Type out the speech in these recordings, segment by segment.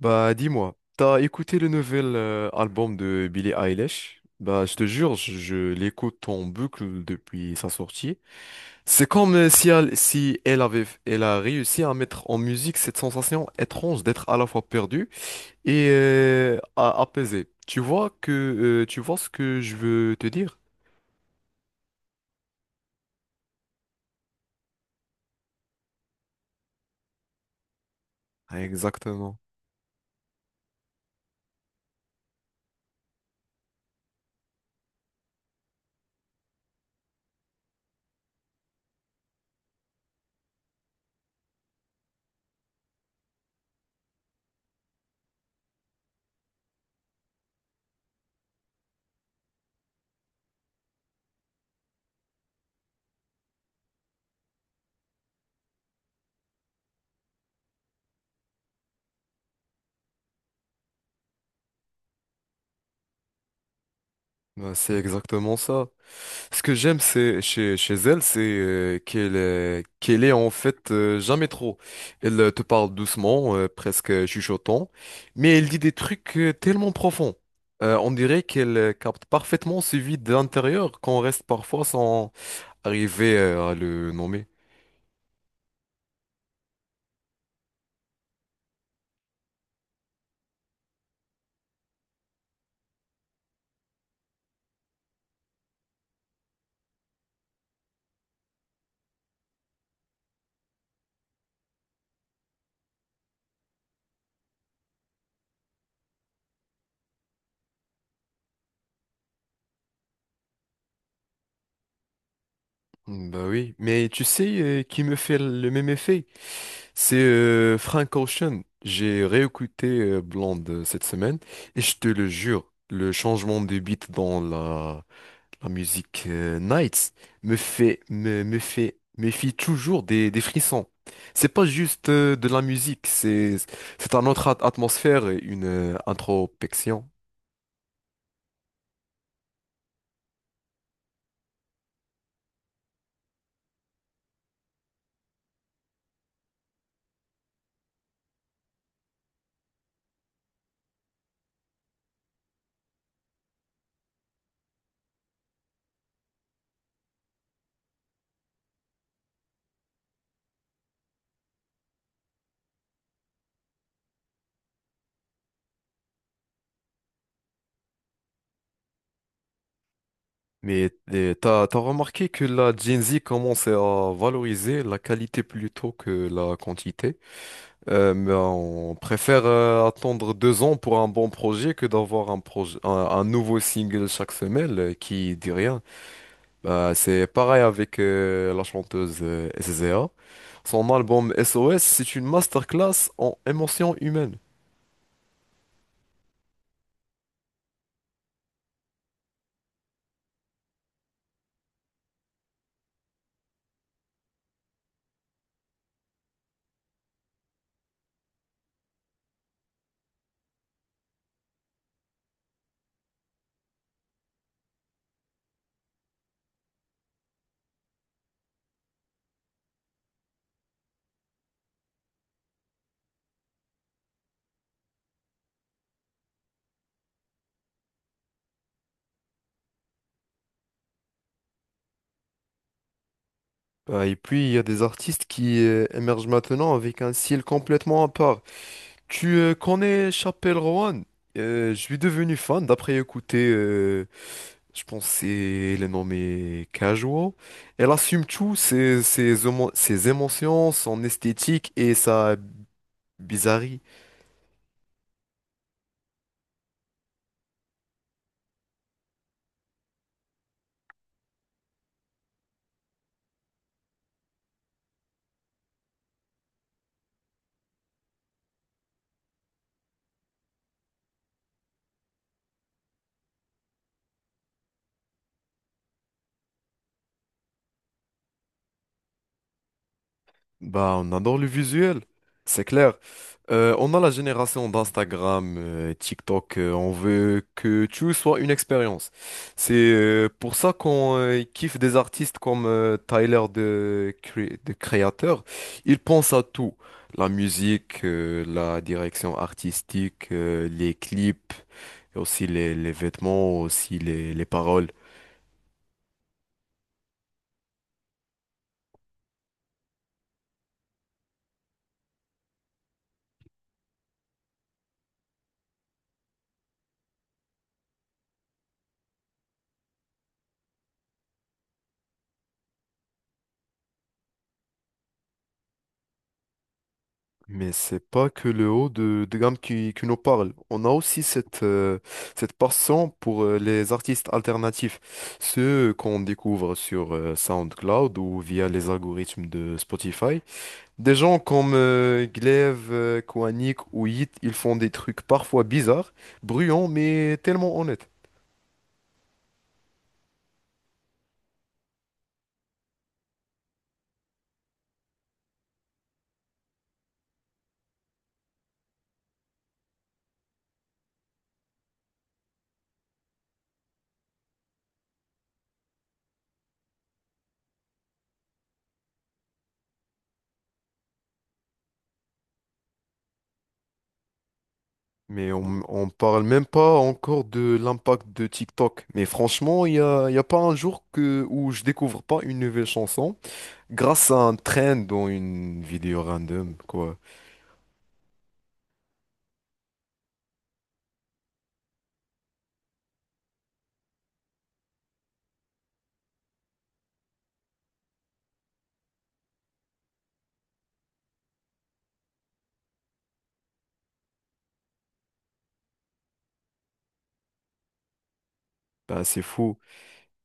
Bah dis-moi, t'as écouté le nouvel album de Billie Eilish? Bah je te jure, je l'écoute en boucle depuis sa sortie. C'est comme si elle, si elle avait, elle a réussi à mettre en musique cette sensation étrange d'être à la fois perdue et apaisée. Tu vois ce que je veux te dire? Exactement. Ben, c'est exactement ça. Ce que j'aime c'est chez elle, c'est qu'elle est en fait jamais trop. Elle te parle doucement, presque chuchotant, mais elle dit des trucs tellement profonds. On dirait qu'elle capte parfaitement ce vide de l'intérieur qu'on reste parfois sans arriver à le nommer. Mm, bah oui, mais tu sais qui me fait le même effet? C'est Frank Ocean. J'ai réécouté Blonde cette semaine et je te le jure, le changement de beat dans la musique Nights me fait toujours des frissons. C'est pas juste de la musique, c'est un autre atmosphère, et une introspection. Mais t'as remarqué que la Gen Z commence à valoriser la qualité plutôt que la quantité? Mais on préfère attendre 2 ans pour un bon projet que d'avoir un projet, un nouveau single chaque semaine qui dit rien. Bah, c'est pareil avec la chanteuse SZA. Son album SOS, c'est une masterclass en émotion humaine. Bah, et puis, il y a des artistes qui émergent maintenant avec un style complètement à part. Tu connais Chappelle Roan? Je suis devenu fan d'après écouter, je pense que c'est le nom mais Casual. Elle assume tout, ses émotions, son esthétique et sa bizarrerie. Bah, on adore le visuel, c'est clair. On a la génération d'Instagram, TikTok, on veut que tout soit une expérience. C'est pour ça qu'on kiffe des artistes comme Tyler, de Créateur. Il pense à tout, la musique, la direction artistique, les clips, et aussi les vêtements, aussi les paroles. Mais c'est pas que le haut de gamme qui nous parle. On a aussi cette passion pour les artistes alternatifs, ceux qu'on découvre sur SoundCloud ou via les algorithmes de Spotify. Des gens comme Glaive, Koanik ou Hit, ils font des trucs parfois bizarres, bruyants, mais tellement honnêtes. Mais on parle même pas encore de l'impact de TikTok. Mais franchement, il y a pas un jour où je découvre pas une nouvelle chanson grâce à un trend dans une vidéo random, quoi. Bah, c'est fou.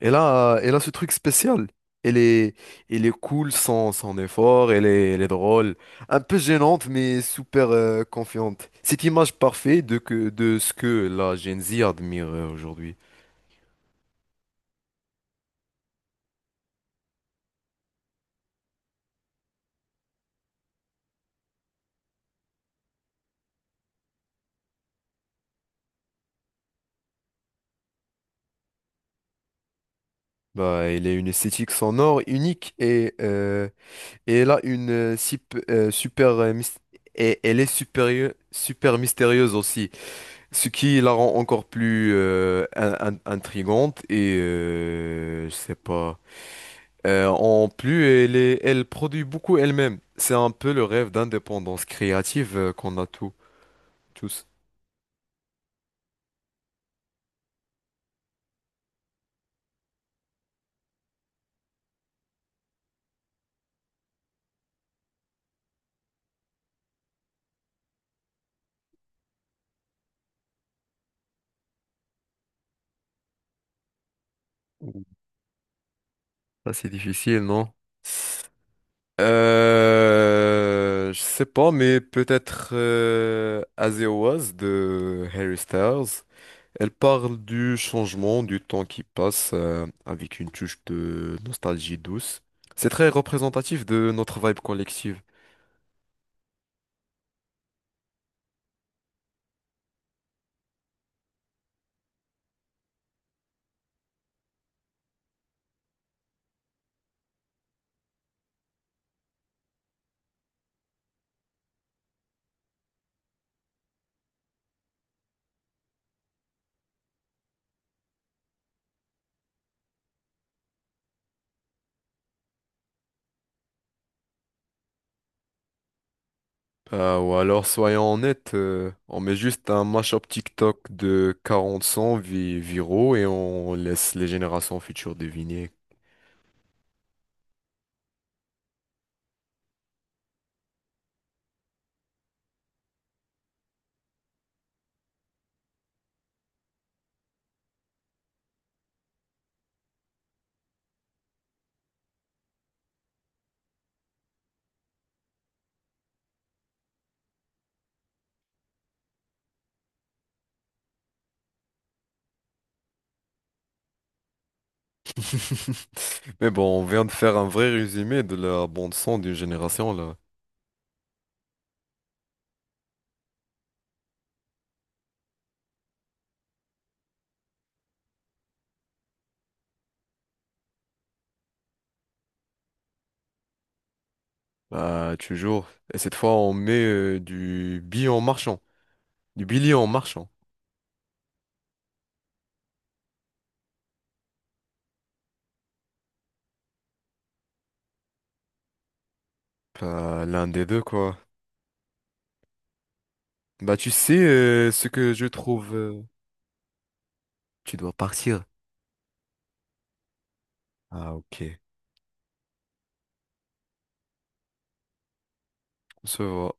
Et là, elle a ce truc spécial. Elle est, Elle est cool sans effort, elle est drôle. Un peu gênante, mais super confiante. Cette image parfaite de ce que la Gen Z admire aujourd'hui. Bah, elle a une esthétique sonore unique et elle a une super et elle est super mystérieuse aussi. Ce qui la rend encore plus intrigante et je sais pas. En plus, elle produit beaucoup elle-même. C'est un peu le rêve d'indépendance créative qu'on a tous, tous. Ouh. Ça, c'est difficile, non? Je sais pas, mais peut-être As It Was de Harry Styles. Elle parle du changement, du temps qui passe avec une touche de nostalgie douce. C'est très représentatif de notre vibe collective. Ou alors, soyons honnêtes, on met juste un mashup TikTok de 40 sons viraux et on laisse les générations futures deviner. Mais bon, on vient de faire un vrai résumé de la bande son d'une génération là. Bah, toujours. Et cette fois, on met du billet en marchant. Du billet en marchant. Bah, l'un des deux, quoi. Bah, tu sais ce que je trouve. Tu dois partir. Ah, ok. On se voit.